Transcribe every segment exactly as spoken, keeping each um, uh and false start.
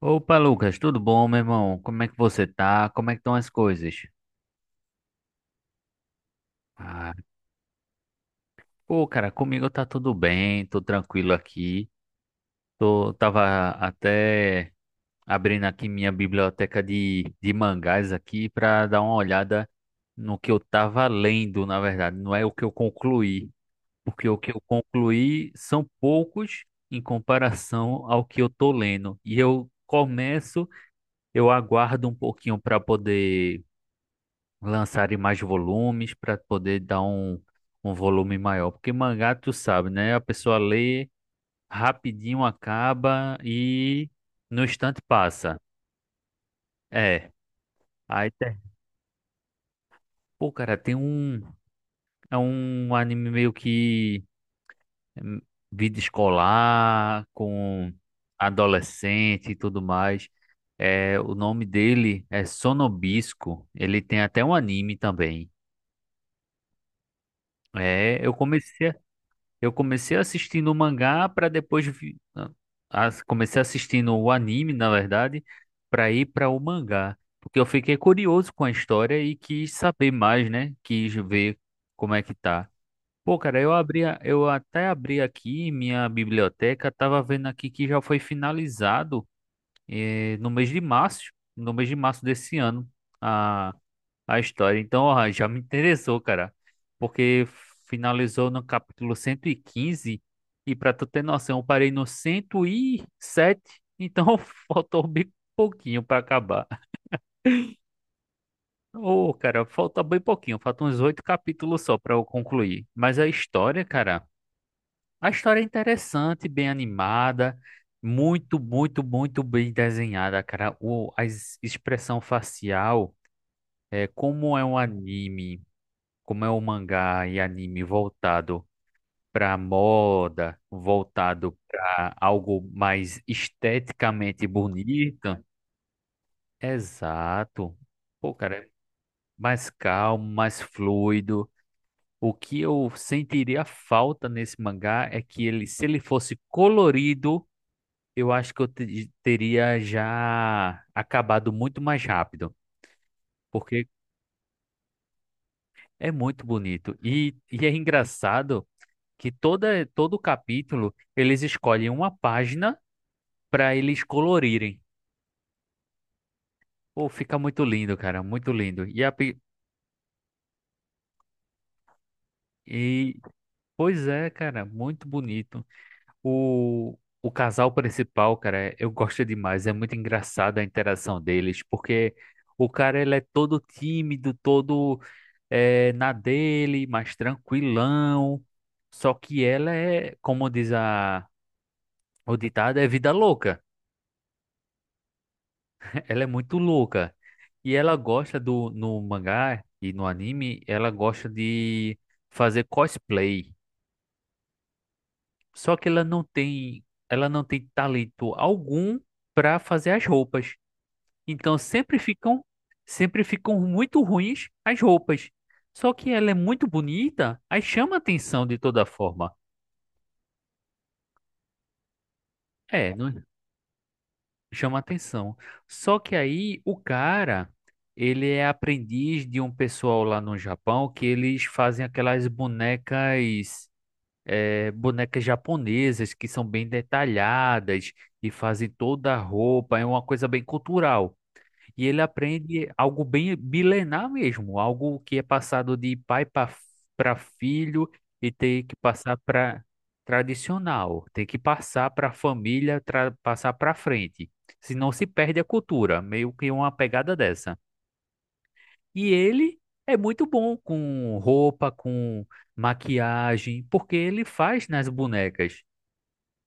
Opa, Lucas, tudo bom, meu irmão? Como é que você tá? Como é que estão as coisas? Ah, pô, cara, comigo tá tudo bem, tô tranquilo aqui. Tô, tava até abrindo aqui minha biblioteca de, de mangás aqui pra dar uma olhada no que eu tava lendo, na verdade. Não é o que eu concluí, porque o que eu concluí são poucos em comparação ao que eu tô lendo. E eu começo, eu aguardo um pouquinho pra poder lançarem mais volumes para poder dar um, um volume maior. Porque mangá, tu sabe, né? A pessoa lê, rapidinho acaba e no instante passa. É. Aí tem. Pô, cara, tem um. É um anime meio que hum, vida escolar, com adolescente e tudo mais. É, o nome dele é Sonobisco. Ele tem até um anime também. É, eu comecei. Eu comecei assistindo o mangá para depois vi- não, as- comecei assistindo o anime, na verdade, para ir para o mangá, porque eu fiquei curioso com a história e quis saber mais, né? Quis ver como é que tá. Pô, cara, eu abri, a- eu até abri aqui minha biblioteca, tava vendo aqui que já foi finalizado eh, no mês de março, no mês de março desse ano, a história. Então, ó, já me interessou, cara, porque finalizou no capítulo cento e quinze, e pra tu ter noção, eu parei no cento e sete, então faltou bem pouquinho pra acabar. Ô, cara, falta bem pouquinho, faltam uns oito capítulos só pra eu concluir. Mas a história, cara, a história é interessante, bem animada, muito, muito, muito bem desenhada, cara. O, a ex- expressão facial, é, como é um anime, como é o mangá e anime voltado para moda, voltado para algo mais esteticamente bonito, exato. Pô, cara, é mais calmo, mais fluido. O que eu sentiria falta nesse mangá é que ele, se ele fosse colorido, eu acho que eu te- teria já acabado muito mais rápido, porque é muito bonito. E, e é engraçado. Que toda, todo capítulo eles escolhem uma página para eles colorirem. Pô, fica muito lindo, cara, muito lindo. E, a, pi- e pois é, cara, muito bonito. O, o casal principal, cara, eu gosto demais. É muito engraçada a interação deles, porque o cara, ele é todo tímido, todo eh, na dele, mais tranquilão. Só que ela é, como diz a, o ditado, é vida louca. Ela é muito louca. E ela gosta do, no mangá e no anime, ela gosta de fazer cosplay. Só que ela não tem, ela não tem talento algum para fazer as roupas. Então sempre ficam, sempre ficam muito ruins as roupas. Só que ela é muito bonita, aí chama a atenção de toda forma. É, não, chama atenção. Só que aí o cara, ele é aprendiz de um pessoal lá no Japão, que eles fazem aquelas bonecas, eh, bonecas japonesas que são bem detalhadas e fazem toda a roupa, é uma coisa bem cultural. E ele aprende algo bem milenar mesmo, algo que é passado de pai para filho e tem que passar para tradicional, tem que passar para a família, tra- passar para frente. Senão se perde a cultura, meio que uma pegada dessa. E ele é muito bom com roupa, com maquiagem, porque ele faz nas bonecas,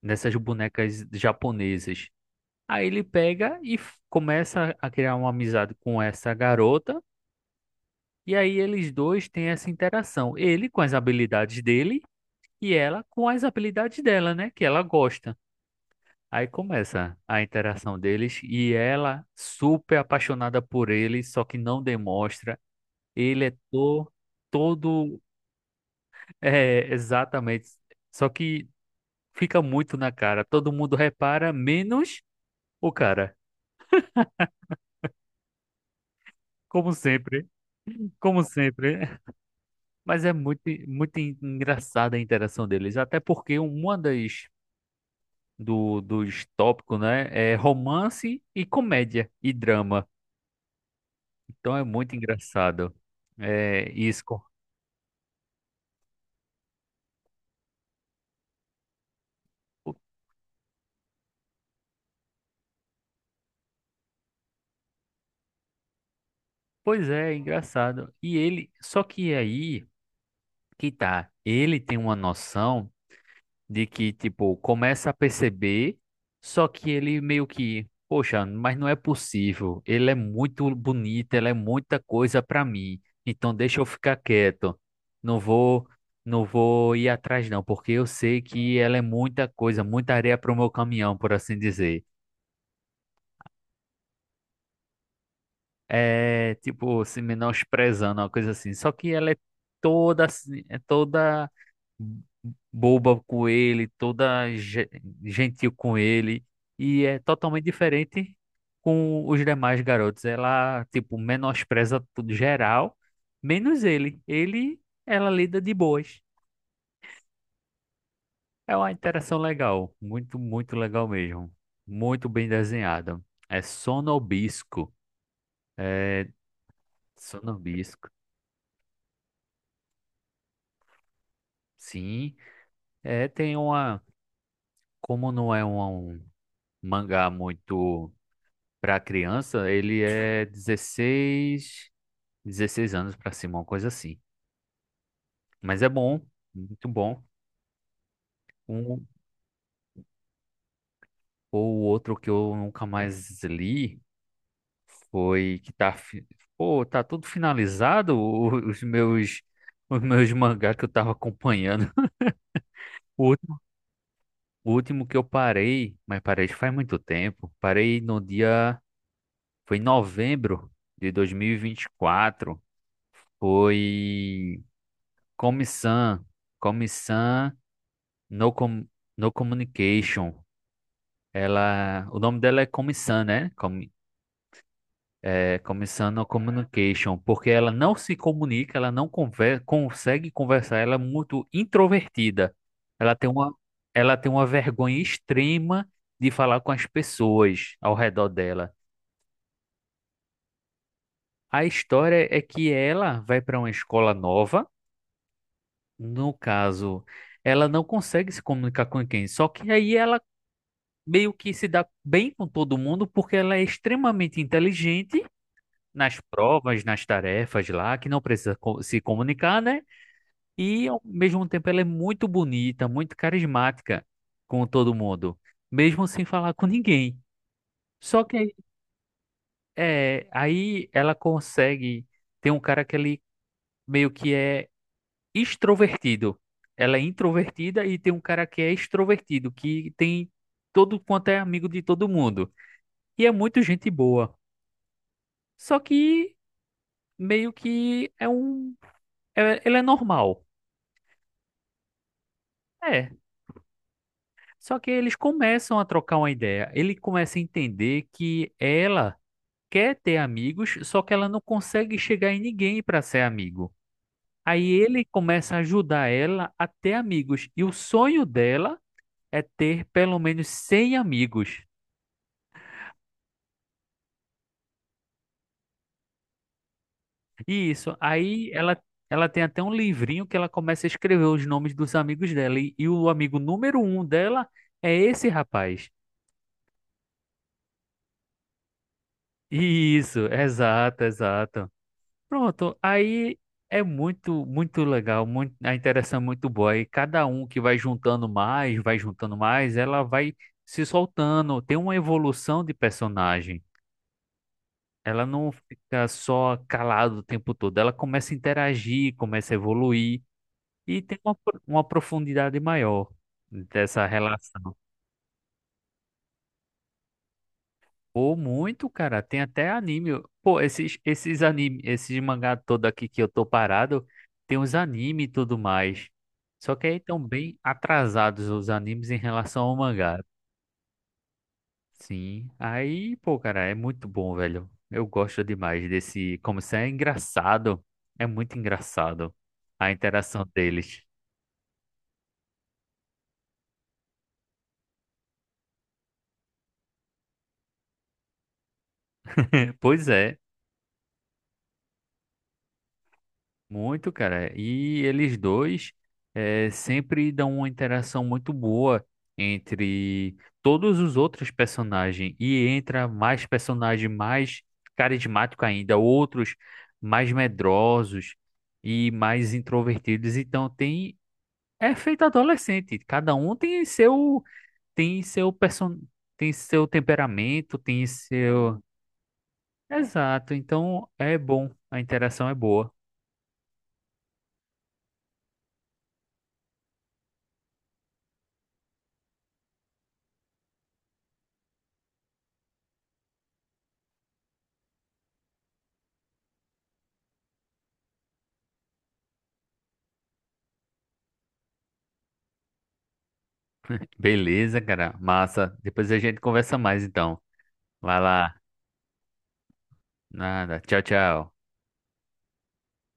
nessas bonecas japonesas. Aí ele pega e f- começa a criar uma amizade com essa garota. E aí eles dois têm essa interação. Ele com as habilidades dele e ela com as habilidades dela, né? Que ela gosta. Aí começa a interação deles e ela super apaixonada por ele, só que não demonstra. Ele é to, todo. É, exatamente. Só que fica muito na cara. Todo mundo repara, menos o cara. Como sempre, como sempre. Mas é muito, muito engraçada a interação deles. Até porque uma das do, dos tópicos, né? É romance e comédia e drama. Então é muito engraçado. É isso. co- Pois é, é engraçado. E ele, só que aí que tá, ele tem uma noção de que, tipo, começa a perceber, só que ele meio que, poxa, mas não é possível. Ele é muito bonito, ela é muita coisa pra mim. Então deixa eu ficar quieto. Não vou, não vou ir atrás não, porque eu sei que ela é muita coisa, muita areia pro meu caminhão, por assim dizer. É, tipo, se menosprezando, uma coisa assim. Só que ela é toda, assim, é toda boba com ele, toda ge- gentil com ele, e é totalmente diferente com os demais garotos. Ela, tipo, menospreza tudo geral, menos ele. Ele, ela lida de boas. É uma interação legal, muito, muito legal mesmo. Muito bem desenhada. É Sonobisco. É Sonobisco. Sim, é, tem uma, como não é um um mangá muito para criança, ele é dezesseis dezesseis anos para cima, uma coisa assim. Mas é bom, muito bom. Um ou outro que eu nunca mais li foi que tá, fi- pô, tá tudo finalizado, o- os meus os meus mangá que eu tava acompanhando. O último, o último que eu parei, mas parei faz muito tempo. Parei no dia, foi em novembro de dois mil e e vinte e quatro. Foi Comissão, Comissão No, Com no Communication. Ela, o nome dela é Commissan, né? Com, é, Commissan no Communication, porque ela não se comunica, ela não conver, consegue conversar, ela é muito introvertida. Ela tem uma, ela tem uma vergonha extrema de falar com as pessoas ao redor dela. A história é que ela vai para uma escola nova, no caso, ela não consegue se comunicar com ninguém, só que aí ela meio que se dá bem com todo mundo, porque ela é extremamente inteligente nas provas, nas tarefas lá, que não precisa co- se comunicar, né? E ao mesmo tempo ela é muito bonita, muito carismática com todo mundo, mesmo sem falar com ninguém. Só que aí, é, aí ela consegue ter um cara que ele meio que é extrovertido. Ela é introvertida e tem um cara que é extrovertido, que tem todo quanto é amigo de todo mundo. E é muito gente boa. Só que meio que é um. É- ele é normal. É. Só que eles começam a trocar uma ideia. Ele começa a entender que ela quer ter amigos, só que ela não consegue chegar em ninguém para ser amigo. Aí ele começa a ajudar ela a ter amigos. E o sonho dela é ter pelo menos cem amigos. E isso. Aí ela, ela tem até um livrinho que ela começa a escrever os nomes dos amigos dela. E, e o amigo número um dela é esse rapaz. Isso, exato, exato. Pronto, aí é muito, muito legal, muito, a interação é muito boa. E cada um que vai juntando mais, vai juntando mais, ela vai se soltando. Tem uma evolução de personagem. Ela não fica só calada o tempo todo. Ela começa a interagir, começa a evoluir e tem uma, pro- uma profundidade maior dessa relação. Pô, muito, cara. Tem até anime. Pô, esses, esses anime, esses mangá todo aqui que eu tô parado, tem os anime e tudo mais. Só que aí estão bem atrasados os animes em relação ao mangá. Sim. Aí, pô, cara, é muito bom, velho. Eu gosto demais desse. Como isso é engraçado. É muito engraçado a interação deles. Pois é. Muito, cara. E eles dois eh, sempre dão uma interação muito boa entre todos os outros personagens. E entra mais personagem mais carismático ainda, outros mais medrosos e mais introvertidos. Então tem é feito adolescente. Cada um tem seu tem seu person... tem seu temperamento, tem seu. Exato. Então é bom. A interação é boa. Beleza, cara. Massa. Depois a gente conversa mais, então. Vai lá. Nada. Tchau, tchau.